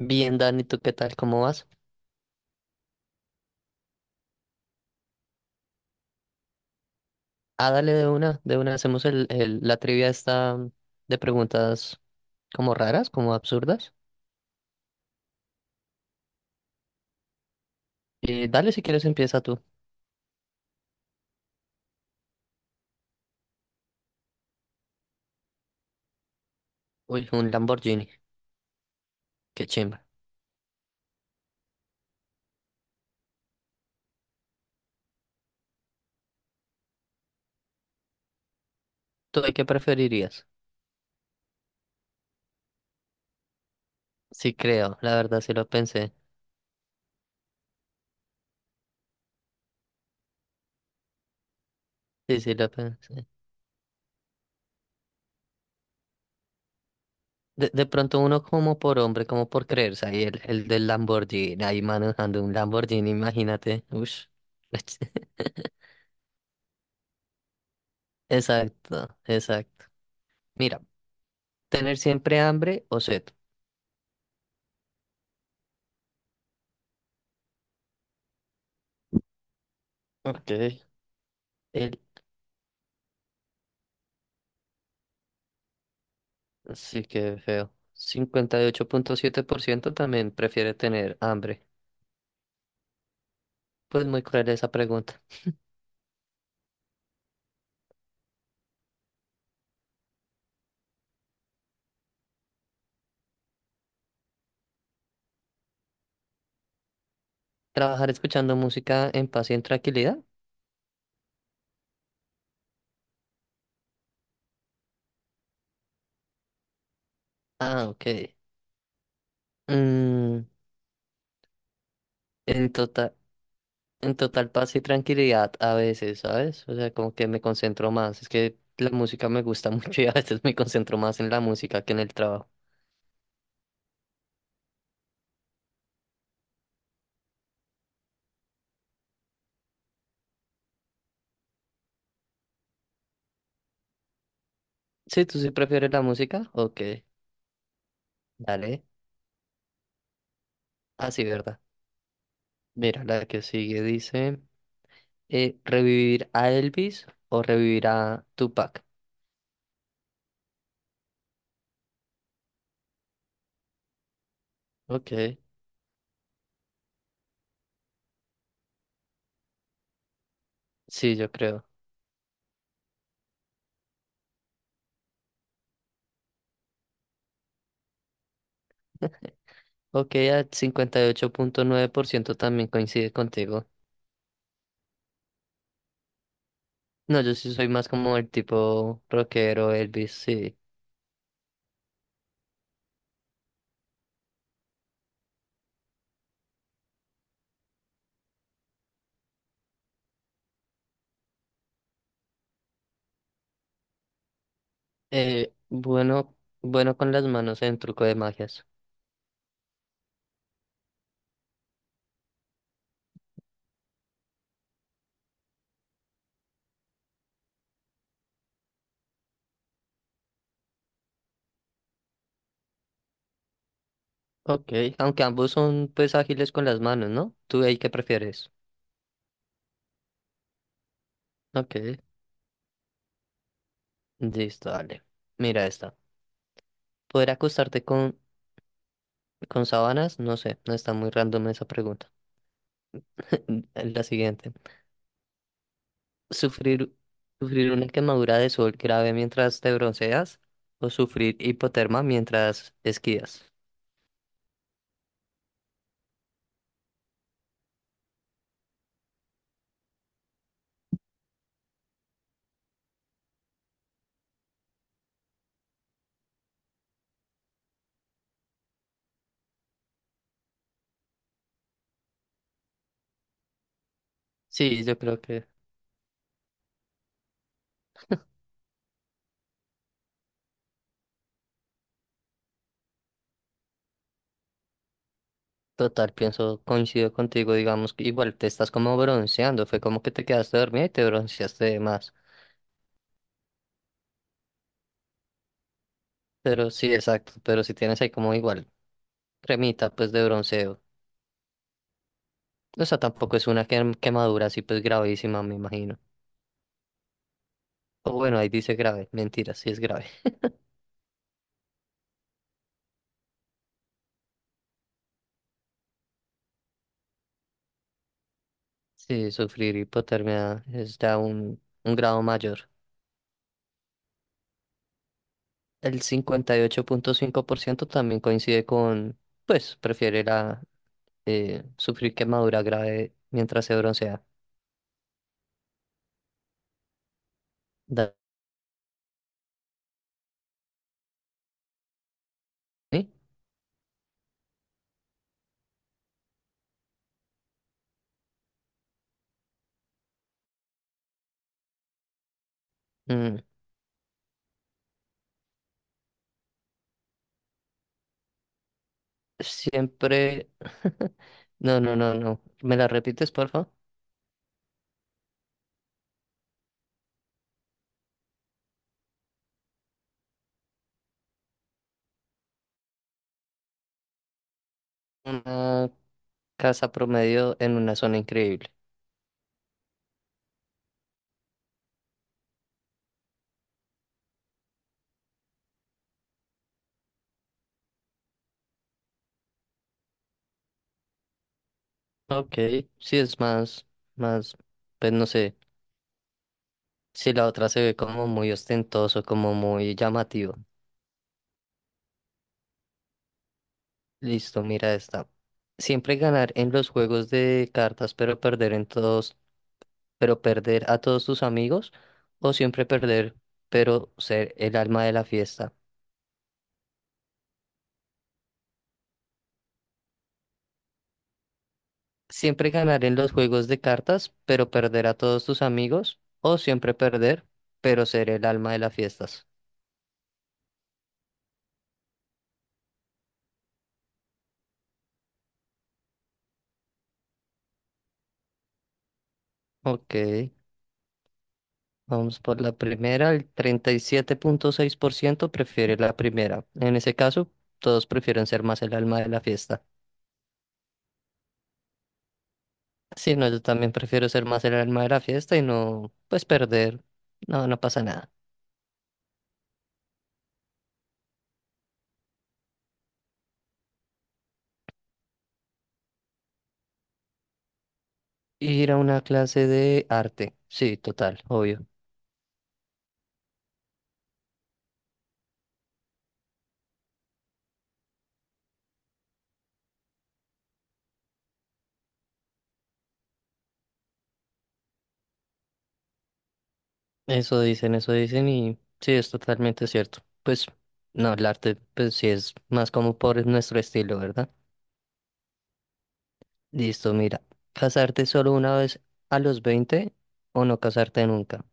Bien, Dani, ¿tú qué tal? ¿Cómo vas? Ah, dale de una, de una. Hacemos la trivia esta de preguntas como raras, como absurdas. Dale si quieres empieza tú. Uy, un Lamborghini. Qué chimba. ¿Tú de qué preferirías? Sí creo, la verdad sí lo pensé. Sí, sí lo pensé. De pronto uno como por hombre, como por creerse ahí, el del Lamborghini, ahí manejando un Lamborghini, imagínate. Ush. Exacto, exacto. Mira, tener siempre hambre o sed. Ok. El Sí, que feo. 58,7% también prefiere tener hambre. Pues muy cruel esa pregunta. ¿Trabajar escuchando música en paz y en tranquilidad? Ah, ok. Mm, en total, en total paz y tranquilidad a veces, ¿sabes? O sea, como que me concentro más. Es que la música me gusta mucho y a veces me concentro más en la música que en el trabajo. Sí, ¿tú sí prefieres la música? Ok, dale. Ah, sí, ¿verdad? Mira, la que sigue dice: ¿revivir a Elvis o revivir a Tupac? Ok. Sí, yo creo. Ok, a 58,9% también coincide contigo. No, yo sí soy más como el tipo rockero, Elvis, sí. Bueno, bueno con las manos en truco de magias. Ok. Aunque ambos son pues ágiles con las manos, ¿no? ¿Tú ahí qué prefieres? Ok. Listo, dale. Mira esta. ¿Poder acostarte con sábanas? No sé, no está muy random esa pregunta. La siguiente. Sufrir, sufrir una quemadura de sol grave mientras te bronceas o sufrir hipotermia mientras esquías. Sí, yo creo que total, pienso, coincido contigo, digamos que igual te estás como bronceando, fue como que te quedaste dormida y te bronceaste de más. Pero sí, exacto, pero si tienes ahí como igual cremita pues de bronceo. O sea, tampoco es una quemadura así pues gravísima, me imagino. O bueno, ahí dice grave, mentira, sí es grave. Sí, sufrir hipotermia es ya un grado mayor. El 58,5% también coincide con, pues, prefiere la, sufrir quemadura grave mientras se broncea. Dani, mm, siempre. No, no, no, no. ¿Me la repites, por favor? Una casa promedio en una zona increíble. Ok, sí es más, más, pues no sé, si la otra se ve como muy ostentoso, como muy llamativo. Listo, mira esta. Siempre ganar en los juegos de cartas, pero perder a todos tus amigos, o siempre perder, pero ser el alma de la fiesta. Siempre ganar en los juegos de cartas, pero perder a todos tus amigos, o siempre perder, pero ser el alma de las fiestas. Ok, vamos por la primera. El 37,6% prefiere la primera. En ese caso, todos prefieren ser más el alma de la fiesta. Sí, no, yo también prefiero ser más el alma de la fiesta y no, pues perder. No, no pasa nada. Ir a una clase de arte. Sí, total, obvio. Eso dicen y sí, es totalmente cierto. Pues no, el arte, pues sí es más como por nuestro estilo, ¿verdad? Listo, mira. ¿Casarte solo una vez a los 20 o no casarte nunca?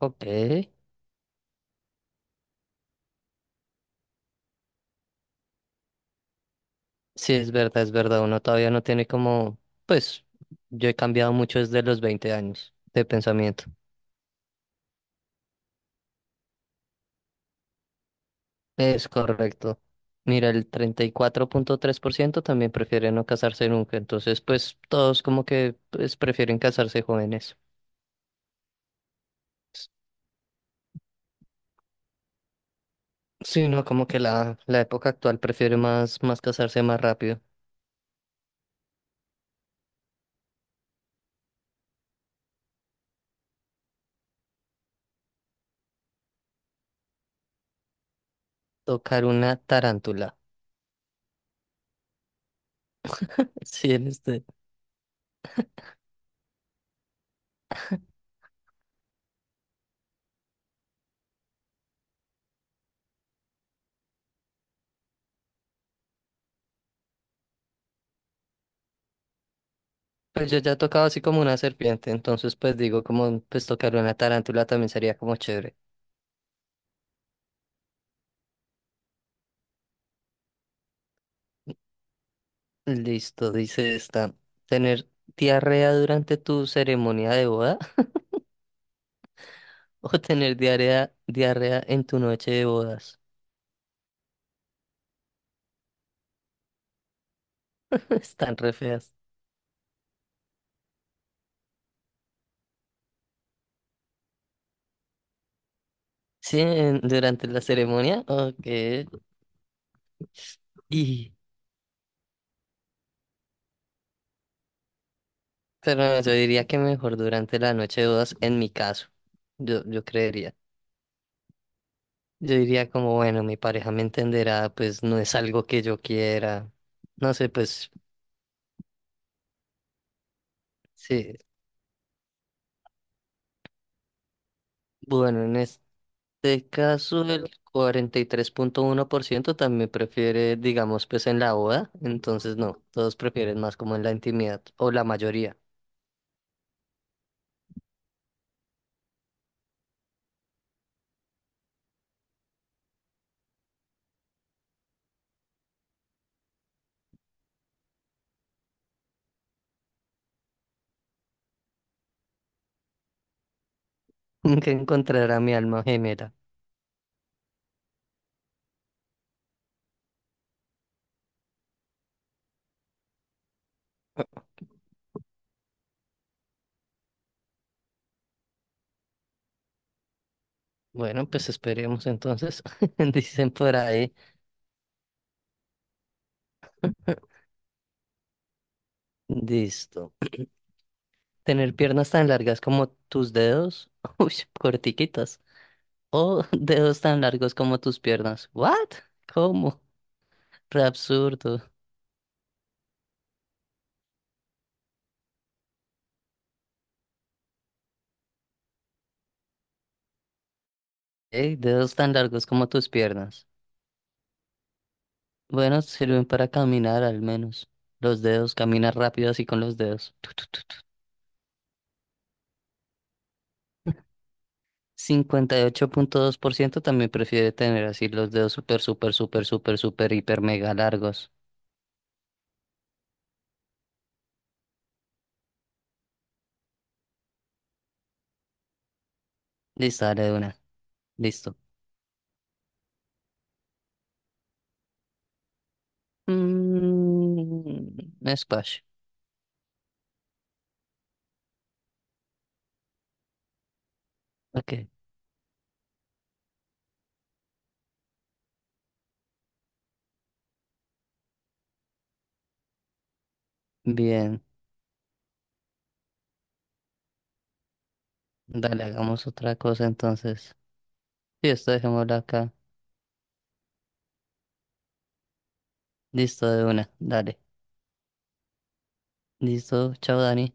Ok. Sí, es verdad, es verdad. Uno todavía no tiene como, pues yo he cambiado mucho desde los 20 años de pensamiento. Es correcto. Mira, el 34,3% también prefiere no casarse nunca, entonces pues todos como que pues, prefieren casarse jóvenes. Sí, no, como que la época actual prefiere más casarse más rápido. Tocar una tarántula. Sí, en este. Pues yo ya he tocado así como una serpiente, entonces pues digo como pues tocar una tarántula también sería como chévere. Listo, dice esta. Tener diarrea durante tu ceremonia de boda o tener diarrea, diarrea en tu noche de bodas. Están re feas. Sí, durante la ceremonia, ok. Y, pero no, yo diría que mejor durante la noche de bodas, en mi caso, yo creería. Yo diría como, bueno, mi pareja me entenderá, pues no es algo que yo quiera. No sé, pues sí. Bueno, en este caso, el 43,1% también prefiere, digamos, pues en la boda. Entonces, no, todos prefieren más como en la intimidad, o la mayoría. Que encontrará mi alma gemela. Bueno, pues esperemos entonces, dicen por ahí, listo. Tener piernas tan largas como tus dedos, uy, cortiquitas, o dedos tan largos como tus piernas. ¿What? ¿Cómo? Re absurdo. Ey, dedos tan largos como tus piernas. Bueno, sirven para caminar al menos. Los dedos, camina rápido así con los dedos. Tu, tu, tu, tu. 58,2% también prefiere tener así los dedos súper, súper, súper, súper, súper, hiper, mega largos. Listo, dale de una. Listo. Squash. Ok, bien. Dale, hagamos otra cosa entonces. Sí, esto dejémoslo acá. Listo de una. Dale. Listo. Chao, Dani.